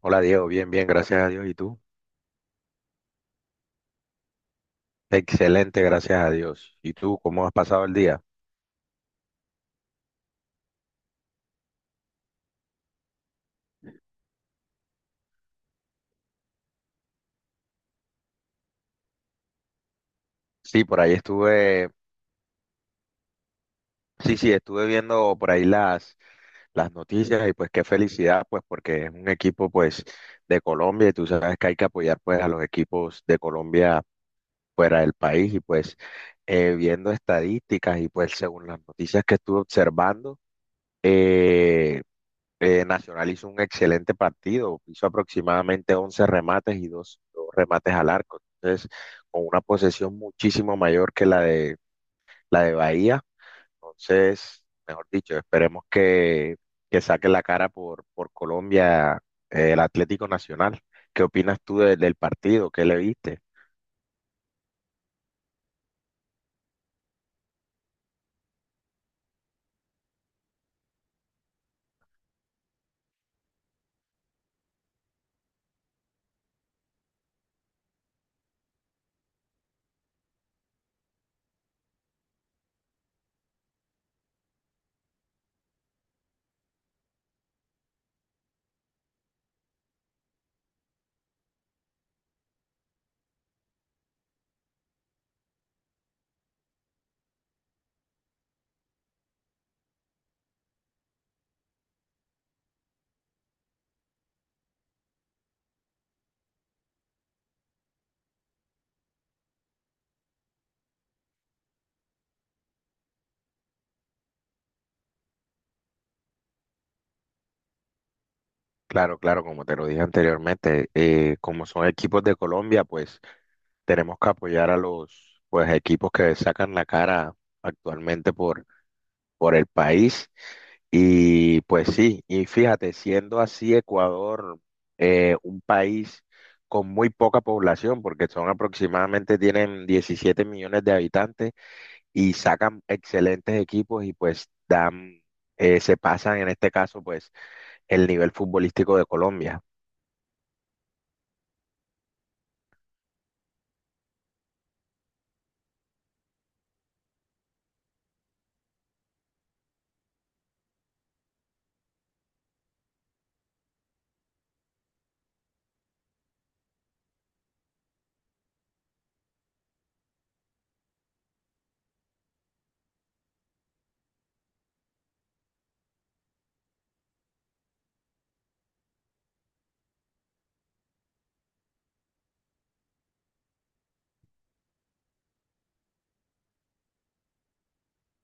Hola Diego, bien, bien, gracias a Dios. ¿Y tú? Excelente, gracias a Dios. ¿Y tú cómo has pasado el día? Sí, por ahí estuve, sí, sí, estuve viendo por ahí las noticias y pues qué felicidad, pues porque es un equipo pues de Colombia y tú sabes que hay que apoyar pues a los equipos de Colombia fuera del país y pues viendo estadísticas y pues según las noticias que estuve observando, eh, Nacional hizo un excelente partido, hizo aproximadamente 11 remates y dos remates al arco. Entonces, con una posesión muchísimo mayor que la de Bahía. Entonces, mejor dicho, esperemos que saque la cara por Colombia, el Atlético Nacional. ¿Qué opinas tú del partido? ¿Qué le viste? Claro, claro, como te lo dije anteriormente, como son equipos de Colombia, pues tenemos que apoyar a los pues, equipos que sacan la cara actualmente por el país. Y pues sí, y fíjate, siendo así Ecuador, un país con muy poca población, porque son aproximadamente, tienen 17 millones de habitantes y sacan excelentes equipos y pues dan, se pasan en este caso pues el nivel futbolístico de Colombia.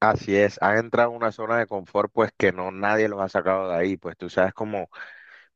Así es, han entrado en una zona de confort pues que no nadie los ha sacado de ahí, pues tú sabes cómo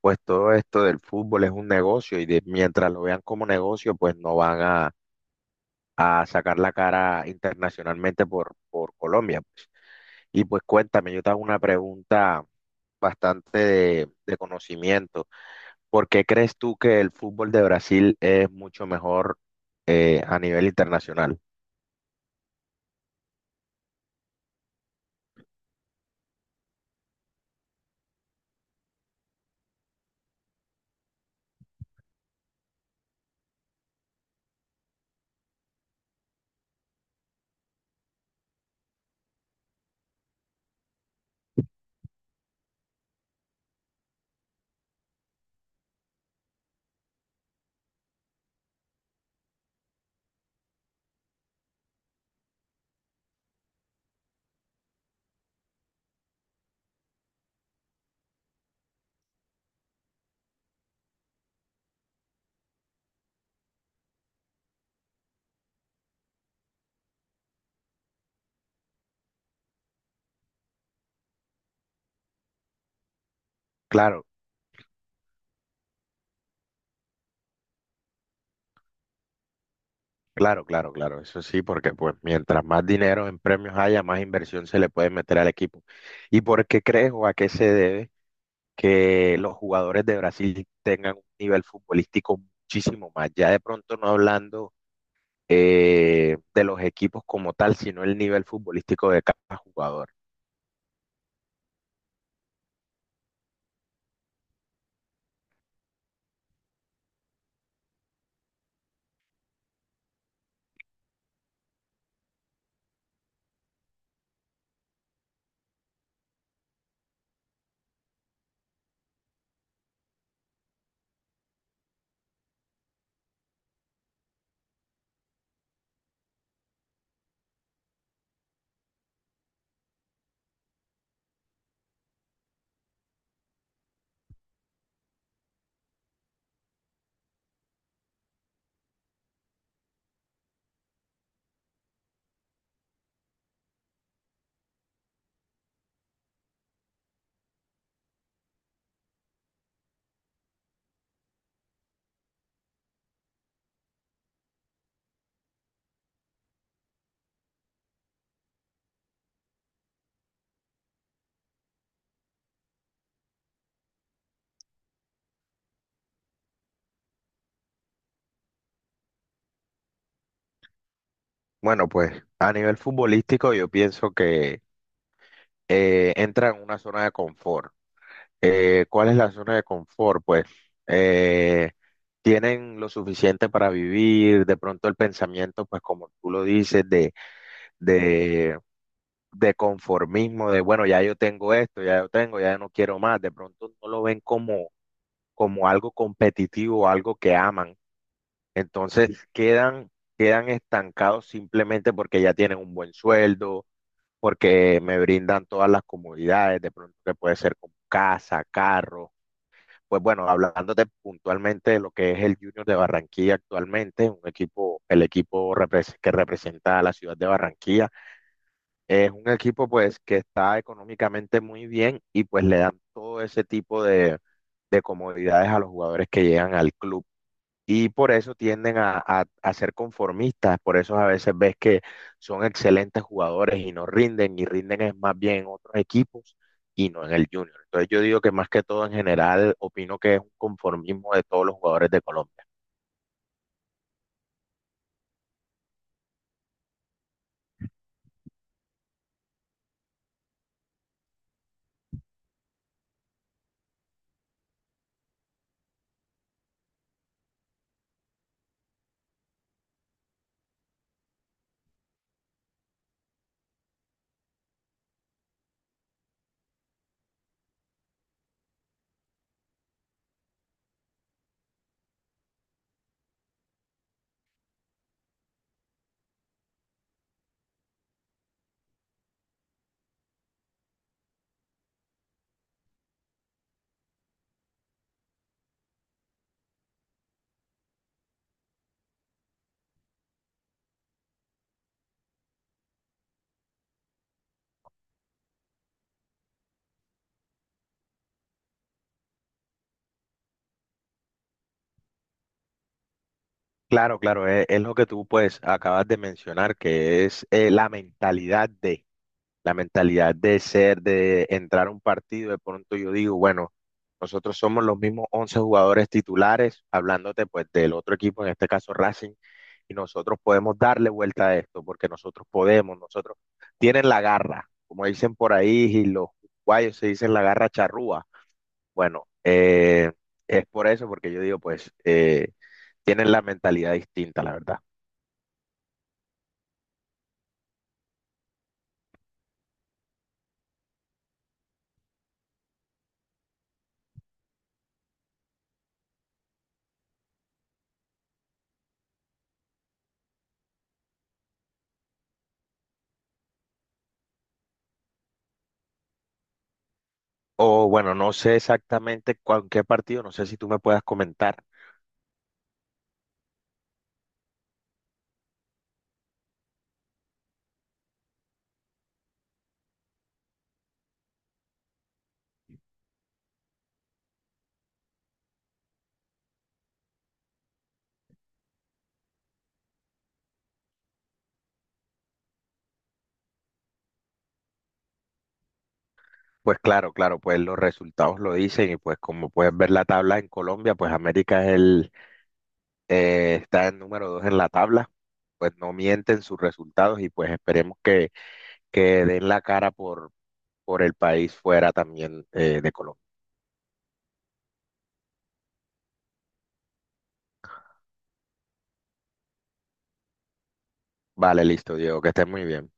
pues todo esto del fútbol es un negocio y mientras lo vean como negocio pues no van a sacar la cara internacionalmente por Colombia, pues. Y pues cuéntame, yo te hago una pregunta bastante de conocimiento. ¿Por qué crees tú que el fútbol de Brasil es mucho mejor, a nivel internacional? Claro, claro, claro, claro, eso sí, porque pues mientras más dinero en premios haya, más inversión se le puede meter al equipo. ¿Y por qué crees o a qué se debe que los jugadores de Brasil tengan un nivel futbolístico muchísimo más? Ya de pronto no hablando, de los equipos como tal, sino el nivel futbolístico de cada jugador. Bueno, pues a nivel futbolístico yo pienso que, entra en una zona de confort. ¿Cuál es la zona de confort? Pues eh, tienen lo suficiente para vivir, de pronto el pensamiento, pues como tú lo dices, de, de conformismo, de bueno, ya yo tengo esto, ya no quiero más, de pronto no lo ven como algo competitivo, algo que aman. Entonces quedan estancados simplemente porque ya tienen un buen sueldo, porque me brindan todas las comodidades, de pronto que puede ser con casa, carro. Pues bueno, hablándote puntualmente de lo que es el Junior de Barranquilla actualmente, el equipo que representa a la ciudad de Barranquilla, es un equipo pues que está económicamente muy bien y pues le dan todo ese tipo de comodidades a los jugadores que llegan al club, y por eso tienden a ser conformistas, por eso a veces ves que son excelentes jugadores y no rinden, y rinden es más bien en otros equipos y no en el Junior. Entonces yo digo que más que todo en general opino que es un conformismo de todos los jugadores de Colombia. Claro, claro, es lo que tú pues acabas de mencionar, que es, la mentalidad de... ser, de entrar a un partido, de pronto yo digo, bueno, nosotros somos los mismos 11 jugadores titulares, hablándote pues del otro equipo, en este caso Racing, y nosotros podemos darle vuelta a esto, porque nosotros podemos, nosotros tienen la garra, como dicen por ahí, y los guayos se dicen la garra charrúa. Bueno, es por eso, porque yo digo, pues, tienen la mentalidad distinta, la verdad. O bueno, no sé exactamente cuál qué partido, no sé si tú me puedas comentar. Pues claro, claro, pues los resultados lo dicen y pues como puedes ver la tabla en Colombia, pues América está en número dos en la tabla, pues no mienten sus resultados y pues esperemos que den la cara por el país fuera también, de Colombia. Vale, listo, Diego, que estés muy bien.